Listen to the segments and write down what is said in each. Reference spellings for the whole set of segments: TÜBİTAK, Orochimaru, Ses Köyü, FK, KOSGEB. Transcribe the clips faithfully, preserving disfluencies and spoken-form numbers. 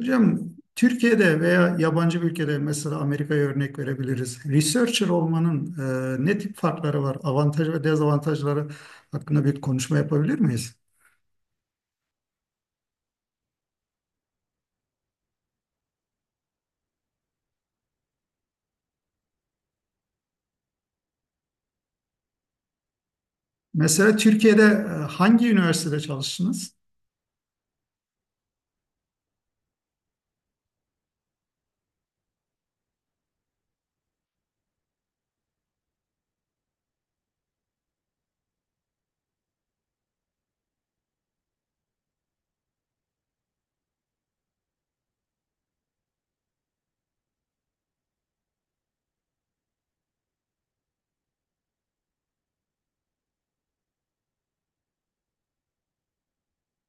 Hocam Türkiye'de veya yabancı bir ülkede mesela Amerika'ya örnek verebiliriz. Researcher olmanın e, ne tip farkları var? Avantaj ve dezavantajları hakkında bir konuşma yapabilir miyiz? Mesela Türkiye'de e, hangi üniversitede çalıştınız?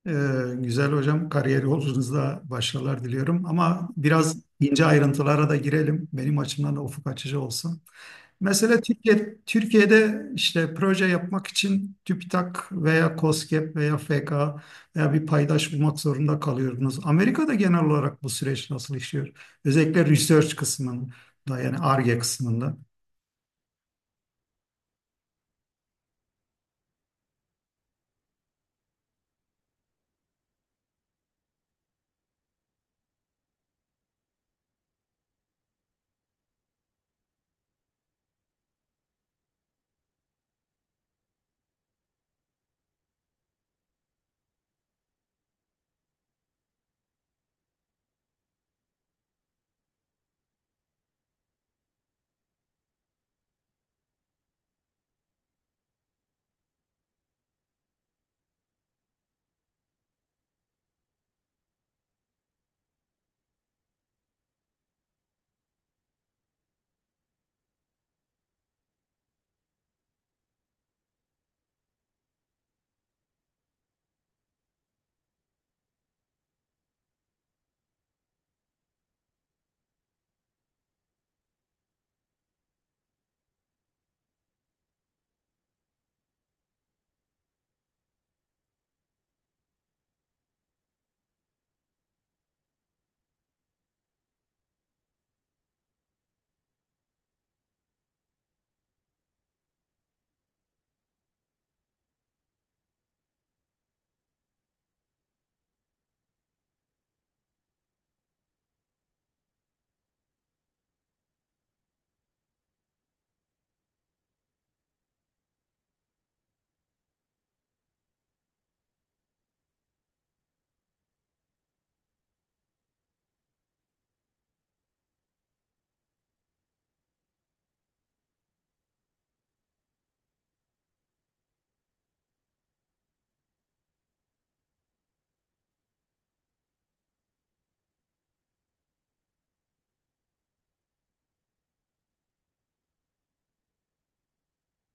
E, Güzel hocam, kariyer yolculuğunuzda başarılar diliyorum ama biraz ince ayrıntılara da girelim. Benim açımdan da ufuk açıcı olsun. Mesela Türkiye, Türkiye'de işte proje yapmak için TÜBİTAK veya KOSGEB veya F K veya bir paydaş bulmak zorunda kalıyordunuz. Amerika'da genel olarak bu süreç nasıl işliyor? Özellikle research kısmında, yani Ar-Ge kısmında.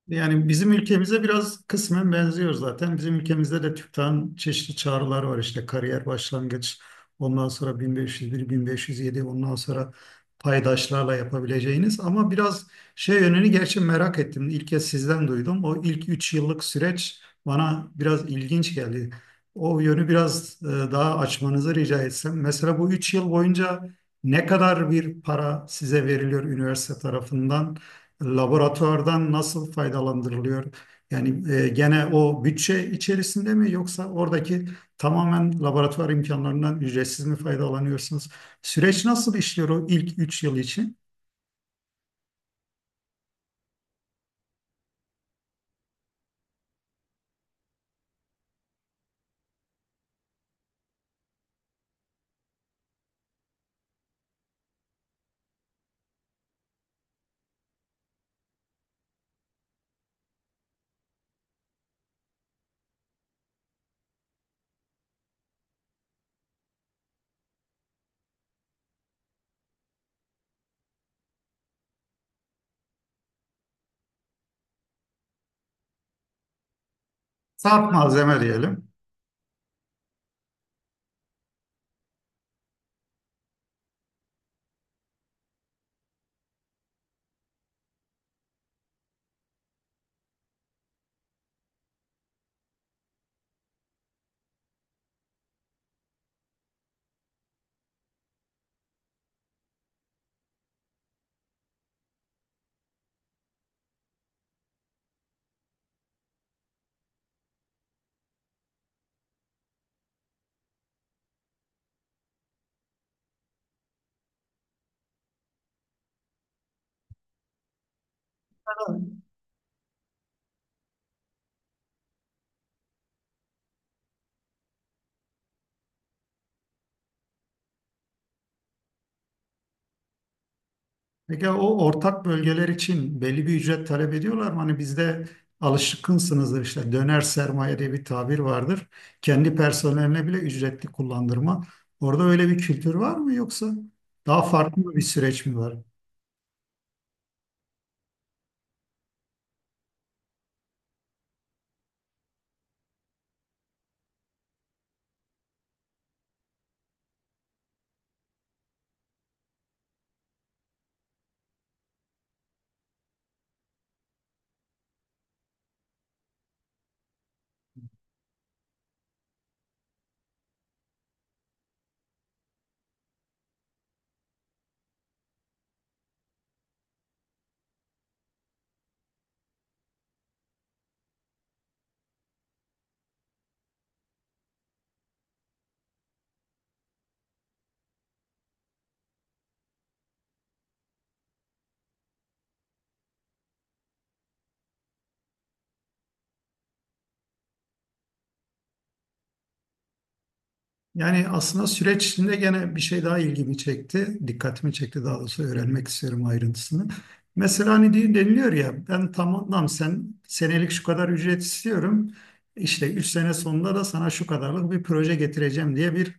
Yani bizim ülkemize biraz kısmen benziyor zaten. Bizim ülkemizde de TÜBİTAK'ın çeşitli çağrılar var, işte kariyer başlangıç, ondan sonra bin beş yüz bir, bin beş yüz yedi, ondan sonra paydaşlarla yapabileceğiniz. Ama biraz şey yönünü gerçi merak ettim. İlk kez sizden duydum. O ilk üç yıllık süreç bana biraz ilginç geldi. O yönü biraz e, daha açmanızı rica etsem. Mesela bu üç yıl boyunca ne kadar bir para size veriliyor üniversite tarafından? Laboratuvardan nasıl faydalandırılıyor? Yani e, gene o bütçe içerisinde mi yoksa oradaki tamamen laboratuvar imkanlarından ücretsiz mi faydalanıyorsunuz? Süreç nasıl işliyor o ilk üç yıl için? Saat malzeme diyelim. Peki o ortak bölgeler için belli bir ücret talep ediyorlar mı? Hani bizde alışkınsınızdır, işte döner sermaye diye bir tabir vardır. Kendi personeline bile ücretli kullandırma. Orada öyle bir kültür var mı yoksa daha farklı bir süreç mi var? Yani aslında süreç içinde gene bir şey daha ilgimi çekti. Dikkatimi çekti daha doğrusu, öğrenmek istiyorum ayrıntısını. Mesela hani diye deniliyor ya, ben tamam sen senelik şu kadar ücret istiyorum. İşte üç sene sonunda da sana şu kadarlık bir proje getireceğim diye bir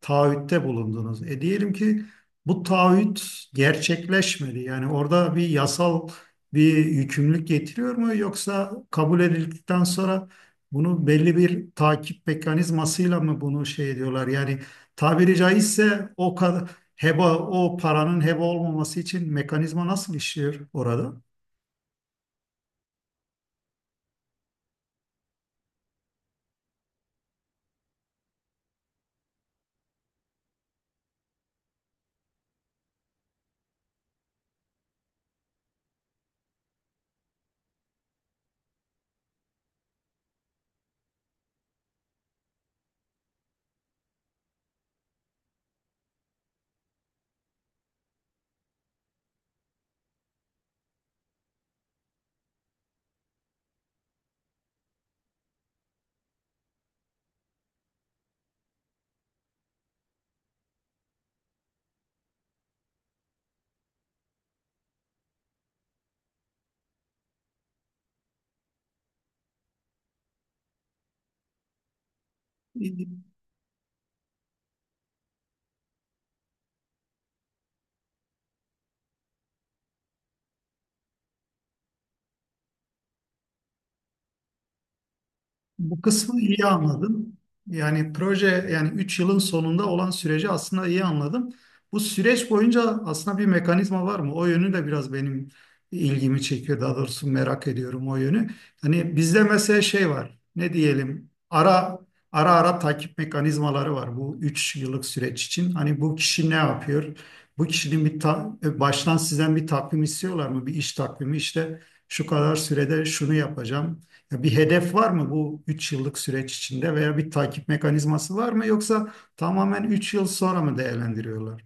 taahhütte bulundunuz. E diyelim ki bu taahhüt gerçekleşmedi. Yani orada bir yasal bir yükümlülük getiriyor mu, yoksa kabul edildikten sonra bunu belli bir takip mekanizmasıyla mı bunu şey ediyorlar? Yani tabiri caizse o kadar heba, o paranın heba olmaması için mekanizma nasıl işliyor orada? Bu kısmı iyi anladım. Yani proje, yani üç yılın sonunda olan süreci aslında iyi anladım. Bu süreç boyunca aslında bir mekanizma var mı? O yönü de biraz benim ilgimi çekiyor. Daha doğrusu merak ediyorum o yönü. Hani bizde mesela şey var. Ne diyelim? Ara ara ara takip mekanizmaları var bu üç yıllık süreç için. Hani bu kişi ne yapıyor? Bu kişinin bir ta- baştan sizden bir takvim istiyorlar mı? Bir iş takvimi, işte şu kadar sürede şunu yapacağım, ya bir hedef var mı bu üç yıllık süreç içinde veya bir takip mekanizması var mı, yoksa tamamen üç yıl sonra mı değerlendiriyorlar?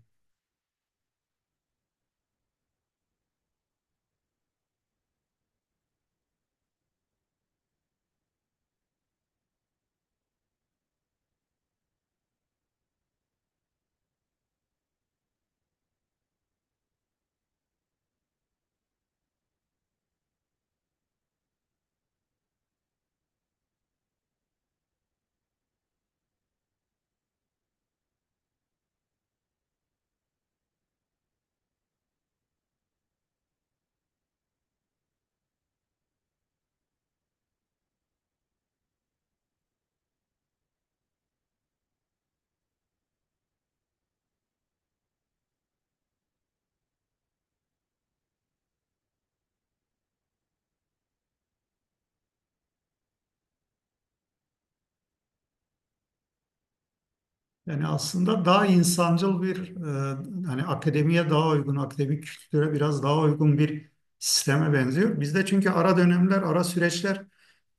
Yani aslında daha insancıl bir e, hani akademiye daha uygun, akademik kültüre biraz daha uygun bir sisteme benziyor. Bizde çünkü ara dönemler, ara süreçler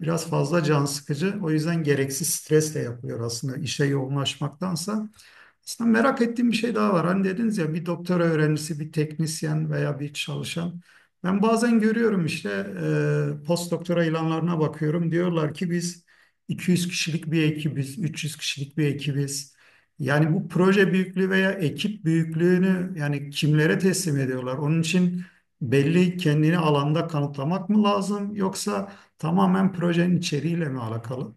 biraz fazla can sıkıcı. O yüzden gereksiz stresle yapılıyor aslında işe yoğunlaşmaktansa. Aslında merak ettiğim bir şey daha var. Hani dediniz ya, bir doktora öğrencisi, bir teknisyen veya bir çalışan. Ben bazen görüyorum, işte e, post doktora ilanlarına bakıyorum. Diyorlar ki biz iki yüz kişilik bir ekibiz, üç yüz kişilik bir ekibiz. Yani bu proje büyüklüğü veya ekip büyüklüğünü yani kimlere teslim ediyorlar? Onun için belli kendini alanda kanıtlamak mı lazım yoksa tamamen projenin içeriğiyle mi alakalı?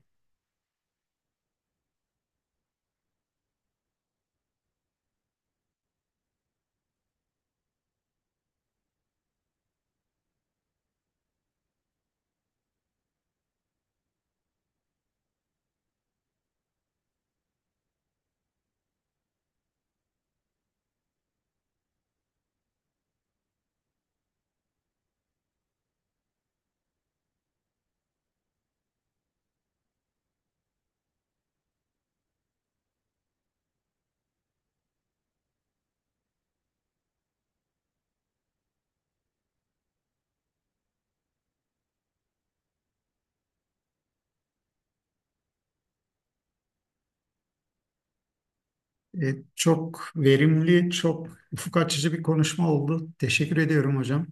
E, çok verimli, çok ufuk açıcı bir konuşma oldu. Teşekkür ediyorum hocam.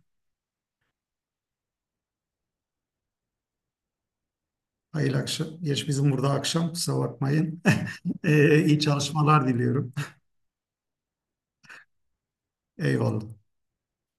Hayırlı akşam. Geç bizim burada akşam, kusura bakmayın. E, iyi çalışmalar diliyorum. Eyvallah.